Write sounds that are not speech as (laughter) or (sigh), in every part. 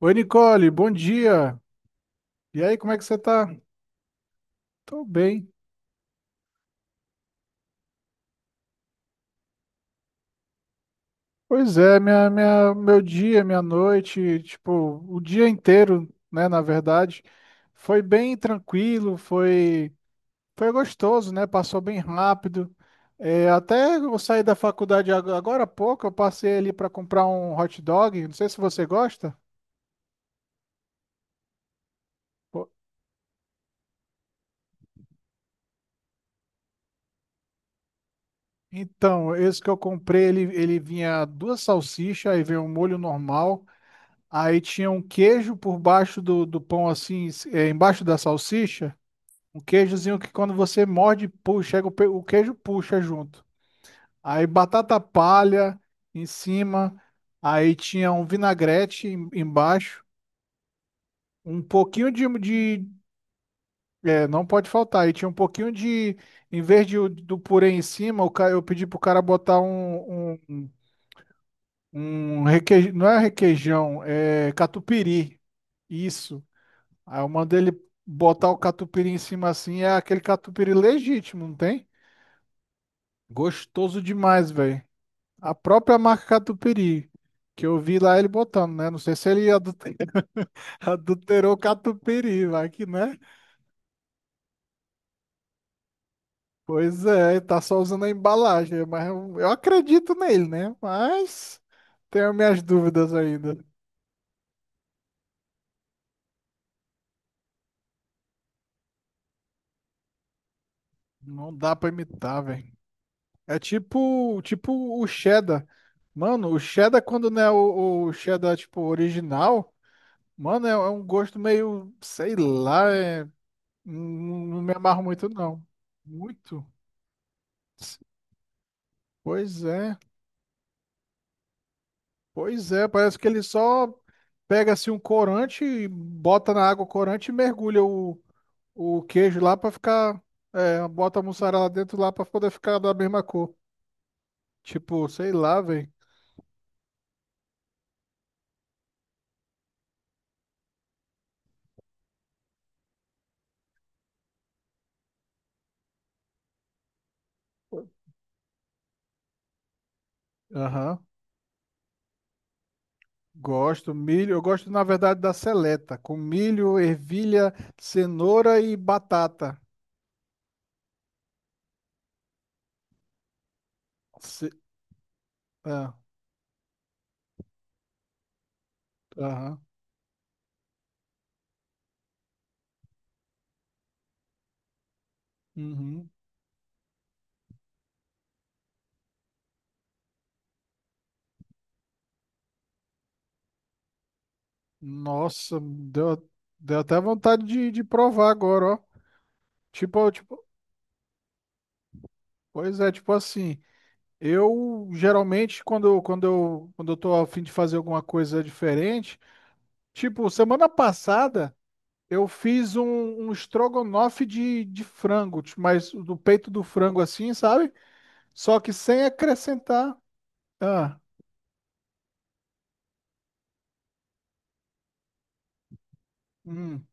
Oi, Nicole, bom dia. E aí, como é que você tá? Tô bem. Pois é, meu dia, minha noite, tipo, o dia inteiro, né, na verdade, foi bem tranquilo, foi gostoso, né? Passou bem rápido. É, até eu saí da faculdade agora há pouco, eu passei ali para comprar um hot dog, não sei se você gosta. Pô. Então, esse que eu comprei, ele vinha duas salsichas, aí veio um molho normal. Aí tinha um queijo por baixo do pão, assim, embaixo da salsicha. Um queijozinho que quando você morde, puxa, chega o queijo puxa junto. Aí batata palha em cima. Aí tinha um vinagrete embaixo. Um pouquinho de, de, não pode faltar. Aí tinha um pouquinho de. Em vez de, do purê em cima, eu pedi pro cara botar um requeijão. Não é requeijão, é catupiry. Isso. Aí eu mandei ele botar o catupiry em cima assim, é aquele catupiry legítimo, não tem? Gostoso demais, velho. A própria marca catupiry, que eu vi lá ele botando, né? Não sei se ele (laughs) adulterou o catupiry, vai que, né? Pois é, tá só usando a embalagem, mas eu acredito nele, né? Mas tenho minhas dúvidas ainda. Não dá pra imitar, velho. É tipo o cheddar. Mano, o cheddar quando não é o cheddar, tipo, original. Mano, é um gosto meio, sei lá, não, não me amarro muito não. Muito? Pois é, pois é, parece que ele só pega assim um corante, e bota na água o corante e mergulha o queijo lá pra ficar, bota a mussarela dentro lá pra poder ficar da mesma cor. Tipo, sei lá, velho. Aham. Gosto, milho. Eu gosto, na verdade, da seleta, com milho, ervilha, cenoura e batata. Ce... Ah, aham. Uhum. Nossa, deu até vontade de provar agora, ó. Tipo, tipo, pois é, tipo assim, eu geralmente quando eu tô a fim de fazer alguma coisa diferente, tipo, semana passada eu fiz um, estrogonofe de frango, tipo, mas do peito do frango assim, sabe? Só que sem acrescentar. Ah, hum.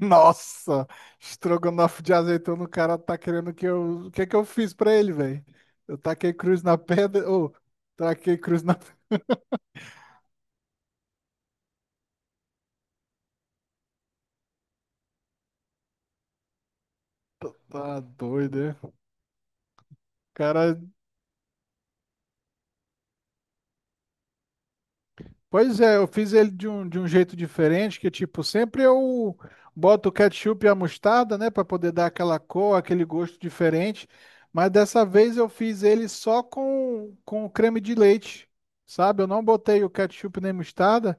Nossa, estrogonofe de azeitona, o cara tá querendo que eu. O que é que eu fiz pra ele, velho? Eu taquei cruz na pedra. Ô, taquei cruz na. (laughs) Tá doido, é? Cara, pois é, eu fiz ele de um jeito diferente, que tipo, sempre eu boto o ketchup e a mostarda, né. Pra poder dar aquela cor, aquele gosto diferente. Mas dessa vez eu fiz ele só com creme de leite, sabe? Eu não botei o ketchup nem mostarda.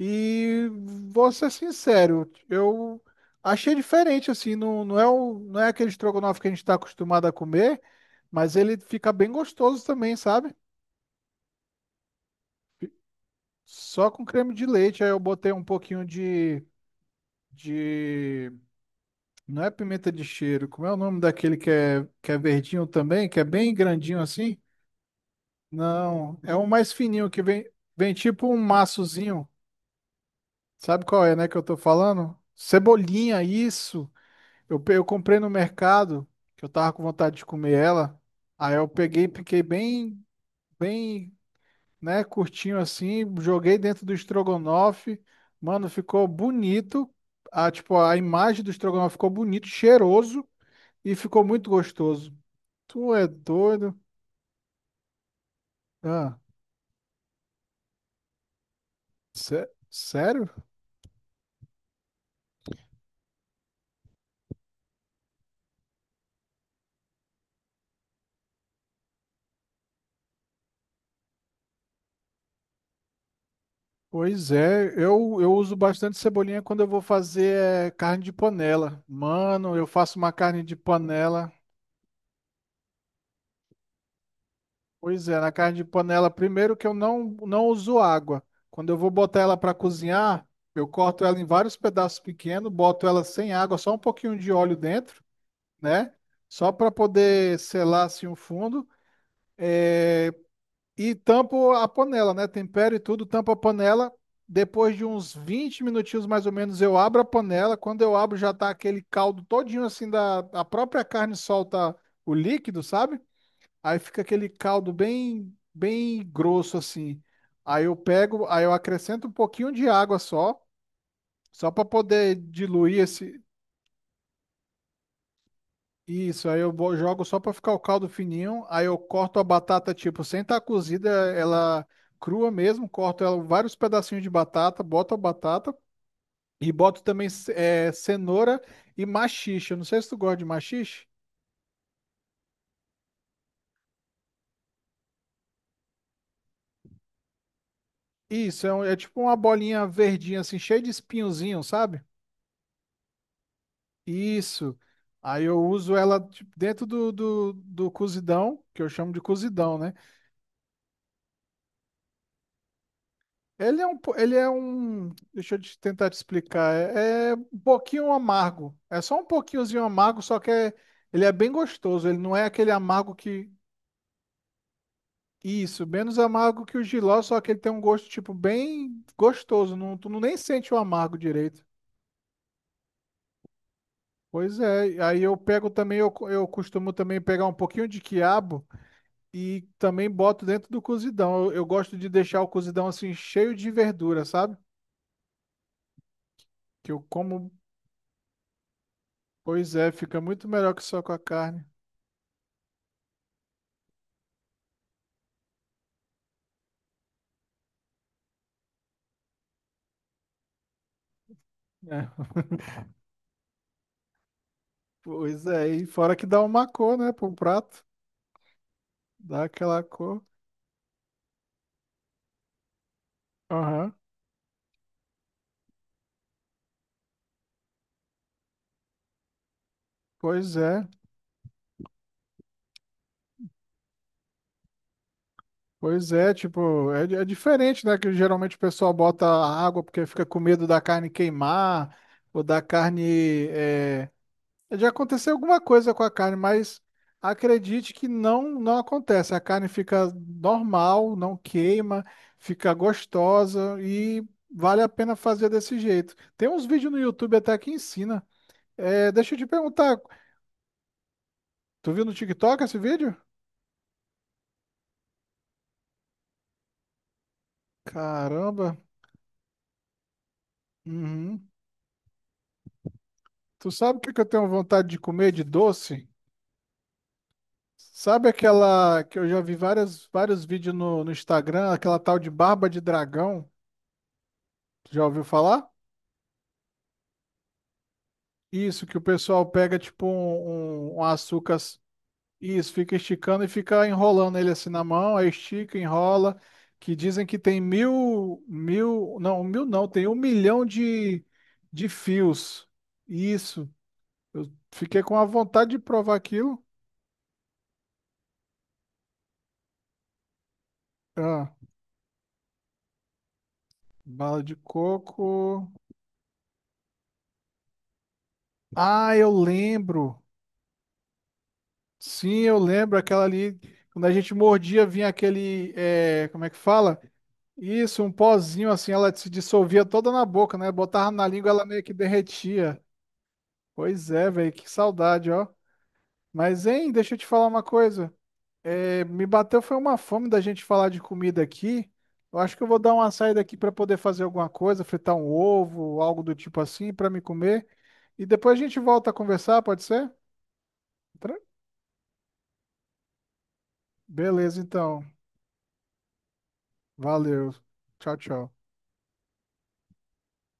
E vou ser sincero, eu achei diferente, assim, não é não é aquele estrogonofe que a gente está acostumado a comer, mas ele fica bem gostoso também, sabe? Só com creme de leite, aí eu botei um pouquinho de, de, não é pimenta de cheiro, como é o nome daquele que é verdinho também, que é bem grandinho assim? Não, é um mais fininho que vem tipo um maçozinho, sabe qual é, né, que eu tô falando? Cebolinha, isso! Eu comprei no mercado, que eu tava com vontade de comer ela. Aí eu peguei, piquei bem, bem, né, curtinho assim, joguei dentro do estrogonofe. Mano, ficou bonito. A imagem do estrogonofe ficou bonito, cheiroso e ficou muito gostoso. Tu é doido? Ah, sério? Pois é, eu uso bastante cebolinha quando eu vou fazer carne de panela. Mano, eu faço uma carne de panela. Pois é, na carne de panela, primeiro que eu não uso água. Quando eu vou botar ela para cozinhar, eu corto ela em vários pedaços pequenos, boto ela sem água, só um pouquinho de óleo dentro, né? Só para poder selar assim o fundo. É, E tampo a panela, né? Tempero e tudo, tampo a panela. Depois de uns 20 minutinhos mais ou menos, eu abro a panela. Quando eu abro, já tá aquele caldo todinho assim da a própria carne solta o líquido, sabe? Aí fica aquele caldo bem, bem grosso assim. Aí eu pego, aí eu acrescento um pouquinho de água só, só para poder diluir esse. Isso, aí eu jogo só para ficar o caldo fininho. Aí eu corto a batata, tipo, sem estar cozida, ela crua mesmo. Corto ela vários pedacinhos de batata, boto a batata e boto também cenoura e maxixe. Eu não sei se tu gosta de maxixe. Isso, é tipo uma bolinha verdinha, assim, cheia de espinhozinho, sabe? Isso. Aí eu uso ela tipo, dentro do cozidão, que eu chamo de cozidão, né? Ele é um, po- ele é um, deixa eu te tentar te explicar, é um pouquinho amargo. É só um pouquinhozinho amargo, só que é, ele é bem gostoso. Ele não é aquele amargo que, isso, menos amargo que o jiló, só que ele tem um gosto tipo bem gostoso. Não, tu não nem sente o amargo direito. Pois é. Aí eu pego também, eu costumo também pegar um pouquinho de quiabo. E também boto dentro do cozidão. Eu gosto de deixar o cozidão assim cheio de verdura, sabe? Que eu como, pois é, fica muito melhor que só com a carne. (laughs) É. Pois é, e fora que dá uma cor, né, pro prato, dá aquela cor. Aham. Pois é. Pois é, tipo, é diferente, né, que geralmente o pessoal bota água porque fica com medo da carne queimar ou da carne já aconteceu alguma coisa com a carne, mas acredite que não acontece. A carne fica normal, não queima, fica gostosa e vale a pena fazer desse jeito. Tem uns vídeos no YouTube até que ensina. Deixa eu te perguntar, tu viu no TikTok esse vídeo? Caramba. Uhum. Tu sabe o que que eu tenho vontade de comer de doce? Sabe aquela que eu já vi várias, vários vídeos no Instagram, aquela tal de barba de dragão? Tu já ouviu falar? Isso, que o pessoal pega tipo um, um açúcar, s- isso, fica esticando e fica enrolando ele assim na mão, aí estica, enrola, que dizem que tem mil, mil não, tem 1 milhão de fios. Isso, eu fiquei com a vontade de provar aquilo. Ah, bala de coco. Ah, eu lembro. Sim, eu lembro aquela ali, quando a gente mordia, vinha aquele, como é que fala? Isso, um pozinho assim, ela se dissolvia toda na boca, né? Botava na língua, ela meio que derretia. Pois é, velho, que saudade, ó. Mas, hein, deixa eu te falar uma coisa. Me bateu foi uma fome da gente falar de comida aqui. Eu acho que eu vou dar uma saída aqui para poder fazer alguma coisa, fritar um ovo, algo do tipo assim, para me comer. E depois a gente volta a conversar, pode ser? Tra- beleza, então. Valeu. Tchau, tchau.